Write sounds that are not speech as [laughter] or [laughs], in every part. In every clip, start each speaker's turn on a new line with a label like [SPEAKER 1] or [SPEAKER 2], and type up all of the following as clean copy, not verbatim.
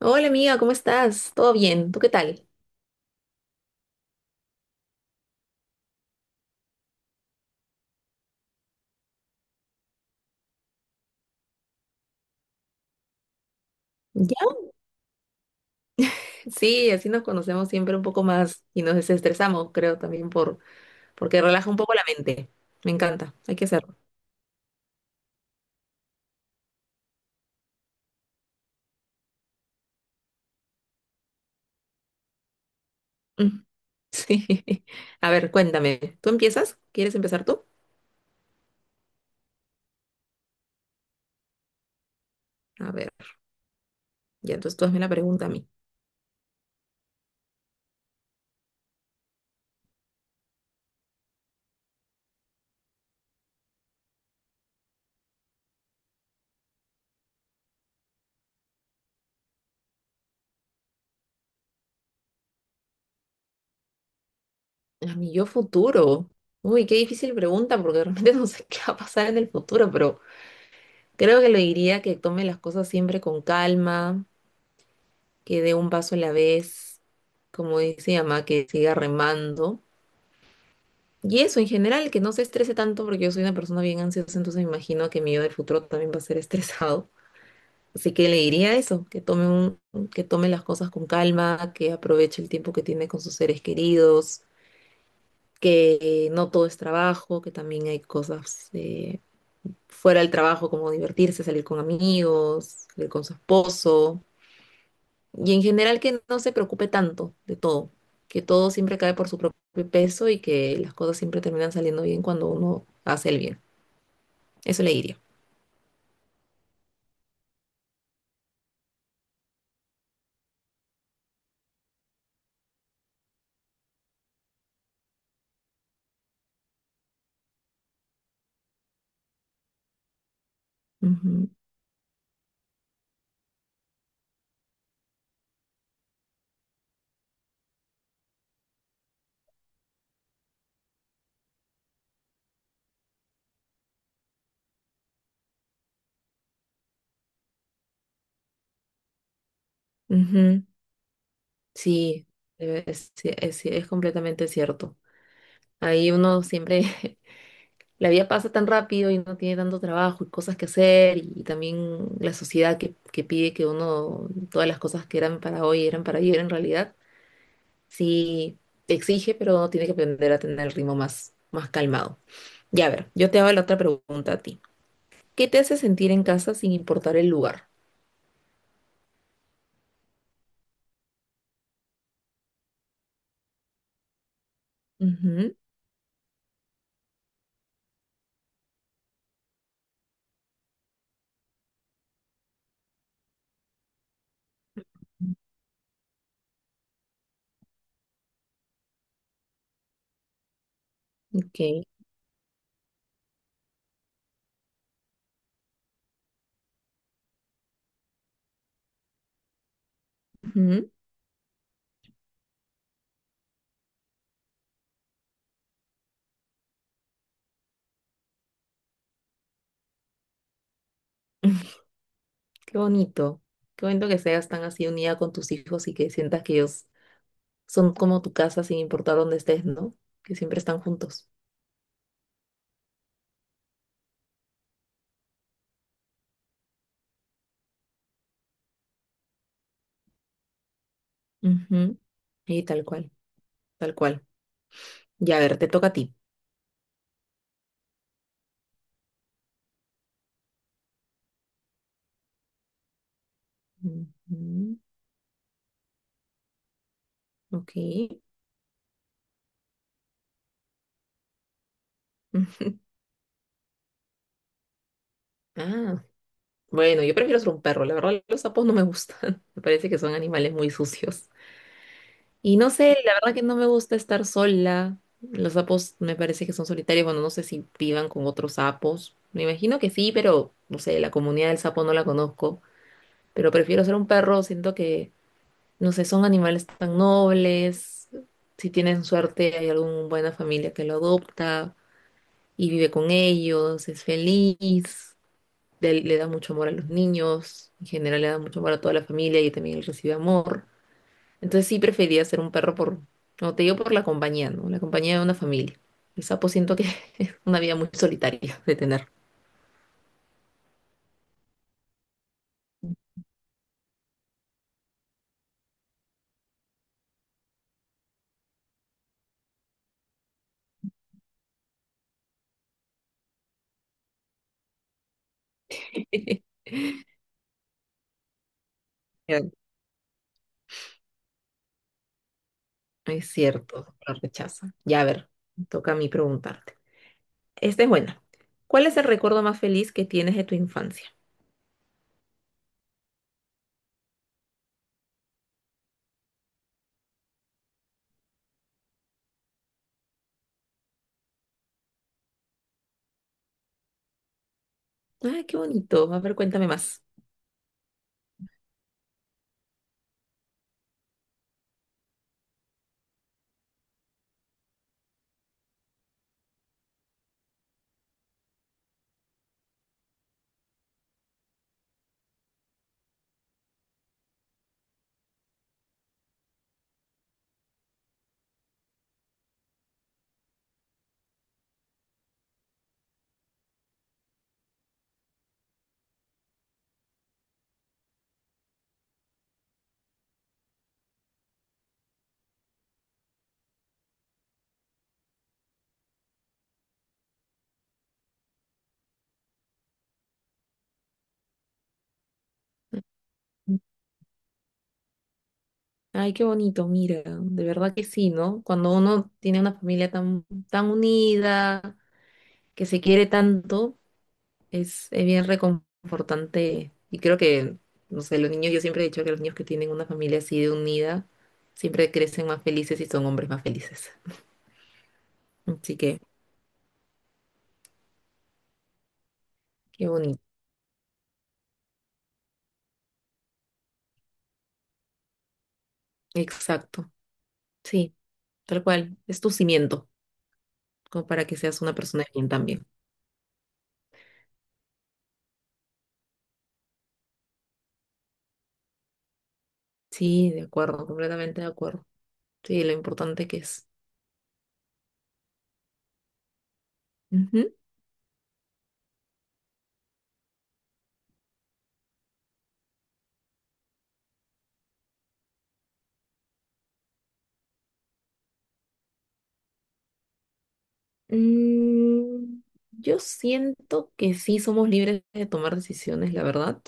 [SPEAKER 1] Hola amiga, ¿cómo estás? ¿Todo bien? ¿Tú qué tal? ¿Ya? Sí, así nos conocemos siempre un poco más y nos desestresamos, creo, también porque relaja un poco la mente. Me encanta, hay que hacerlo. Mm, [laughs] sí. A ver, cuéntame. ¿Tú empiezas? ¿Quieres empezar tú? A ver, ya entonces tú hazme la pregunta a mí. A mi yo futuro. Uy, qué difícil pregunta porque realmente [laughs] no sé qué va a pasar en el futuro, pero creo que le diría que tome las cosas siempre con calma, que dé un paso a la vez, como dice mi mamá, que siga remando. Y eso, en general, que no se estrese tanto, porque yo soy una persona bien ansiosa, entonces me imagino que mi yo del futuro también va a ser [laughs] estresado. Así que le diría eso, que tome las cosas con calma, que aproveche el tiempo que tiene con sus seres queridos, que no todo es trabajo, que también hay cosas fuera del trabajo, como divertirse, salir con amigos, salir con su esposo. Y en general que no se preocupe tanto de todo, que todo siempre cae por su propio peso y que las cosas siempre terminan saliendo bien cuando uno hace el bien. Eso le diría. Ujú, ujú. Sí, es completamente cierto. Ahí uno siempre, [laughs] la vida pasa tan rápido y no tiene tanto trabajo y cosas que hacer y también la sociedad que pide que uno, todas las cosas que eran para hoy eran para ayer en realidad. Sí, te exige, pero tiene que aprender a tener el ritmo más calmado. Ya a ver, yo te hago la otra pregunta a ti. ¿Qué te hace sentir en casa sin importar el lugar? Ujú. Ok, ujú. [laughs] Qué bonito. Qué bonito que seas tan así unida con tus hijos y que sientas que ellos son como tu casa sin importar dónde estés, ¿no? Que siempre están juntos. Ujú. Y tal cual, tal cual. Ya, a ver, te toca a ti. Ujú. Ok. [laughs] Ujú. Ah. Bueno, yo prefiero ser un perro. La verdad, los sapos no me gustan. [laughs] Me parece que son animales muy sucios. Y no sé, la verdad que no me gusta estar sola. Los sapos me parece que son solitarios. Bueno, no sé si vivan con otros sapos. Me imagino que sí, pero no sé, la comunidad del sapo no la conozco. Pero prefiero ser un perro. No sé, son animales tan nobles. Si tienen suerte, hay alguna buena familia que lo adopta y vive con ellos, es feliz, le da mucho amor a los niños, en general le da mucho amor a toda la familia y también él recibe amor. Entonces sí prefería ser un perro no te digo por la compañía, ¿no? La compañía de una familia. El sapo siento que [laughs] es una vida muy solitaria de tener. [laughs] Ya, es cierto, lo rechaza. Ya, a ver, me toca a mí preguntarte. Esta es buena. ¿Cuál es el recuerdo más feliz que tienes de tu infancia? Ay, qué bonito. A ver, cuéntame más. Ay, qué bonito, mira, de verdad que sí, ¿no? Cuando uno tiene una familia tan unida, que se quiere tanto, es bien reconfortante. No sé, los niños, yo siempre he dicho que los niños que tienen una familia así de unida, siempre crecen más felices y son hombres más felices. Así que, qué bonito. Exacto. Sí, tal cual. Es tu cimiento, como para que seas una persona bien también. Sí, de acuerdo, completamente de acuerdo. Sí, lo importante que es. Ujú. Mm, yo siento que sí somos libres de tomar decisiones, la verdad.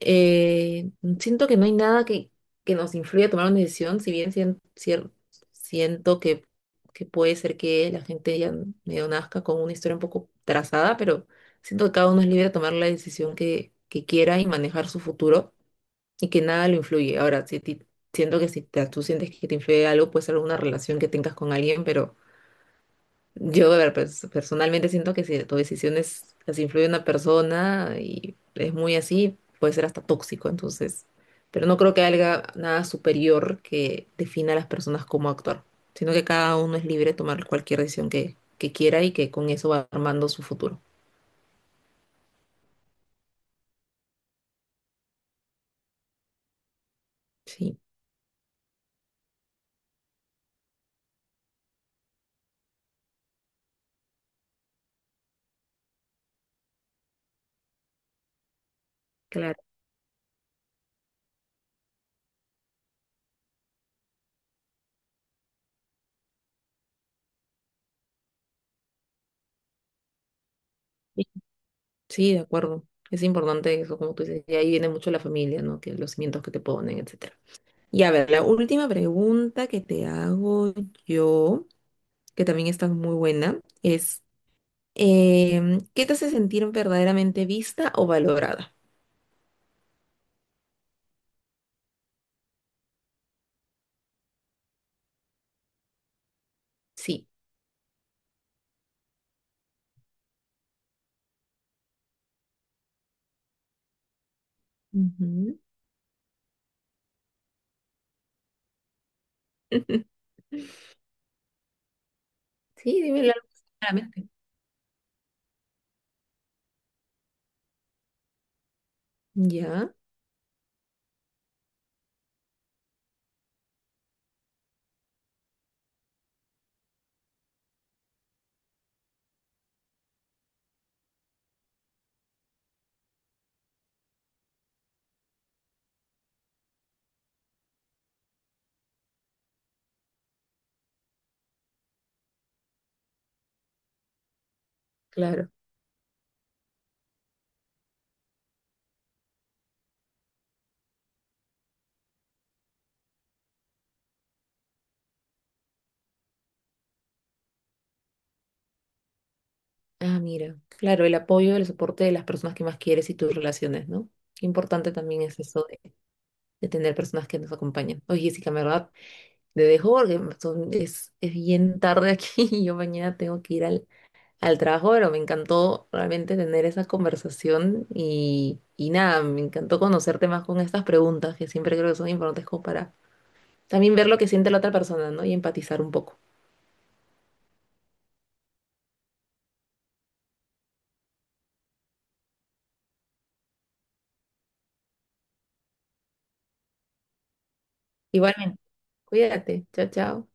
[SPEAKER 1] Eh, siento que no hay nada que nos influya a tomar una decisión, si bien sien- cier- siento que puede ser que la gente ya medio nazca con una historia un poco trazada, pero siento que cada uno es libre de tomar la decisión que quiera y manejar su futuro y que nada lo influye. Ahora, si a ti- siento que si te- tú sientes que te influye algo, puede ser alguna relación que tengas con alguien, pero... Yo, a ver, personalmente siento que si tu decisión es, las influye en una persona y es muy así, puede ser hasta tóxico, entonces. Pero no creo que haya nada superior que defina a las personas cómo actuar, sino que cada uno es libre de tomar cualquier decisión que quiera y que con eso va armando su futuro. Sí, claro. Sí, de acuerdo. Es importante eso, como tú dices, y ahí viene mucho la familia, ¿no? Que los cimientos que te ponen, etcétera. Y a ver, la última pregunta que te hago yo, que también está muy buena, es ¿qué te hace sentir verdaderamente vista o valorada? Sí. Ujú. [laughs] Sí, dímelo algo claramente. Ya, claro. Ah, mira. Claro, el apoyo, el soporte de las personas que más quieres y tus relaciones, ¿no? Qué importante también es eso de tener personas que nos acompañan. Oye, Jessica, en verdad, te dejo porque es bien tarde aquí [laughs] y yo mañana tengo que ir al trabajo, pero me encantó realmente tener esa conversación y nada, me encantó conocerte más con estas preguntas que siempre creo que son importantes como para también ver lo que siente la otra persona, ¿no? Y empatizar un poco. Igualmente, cuídate, chao, chao.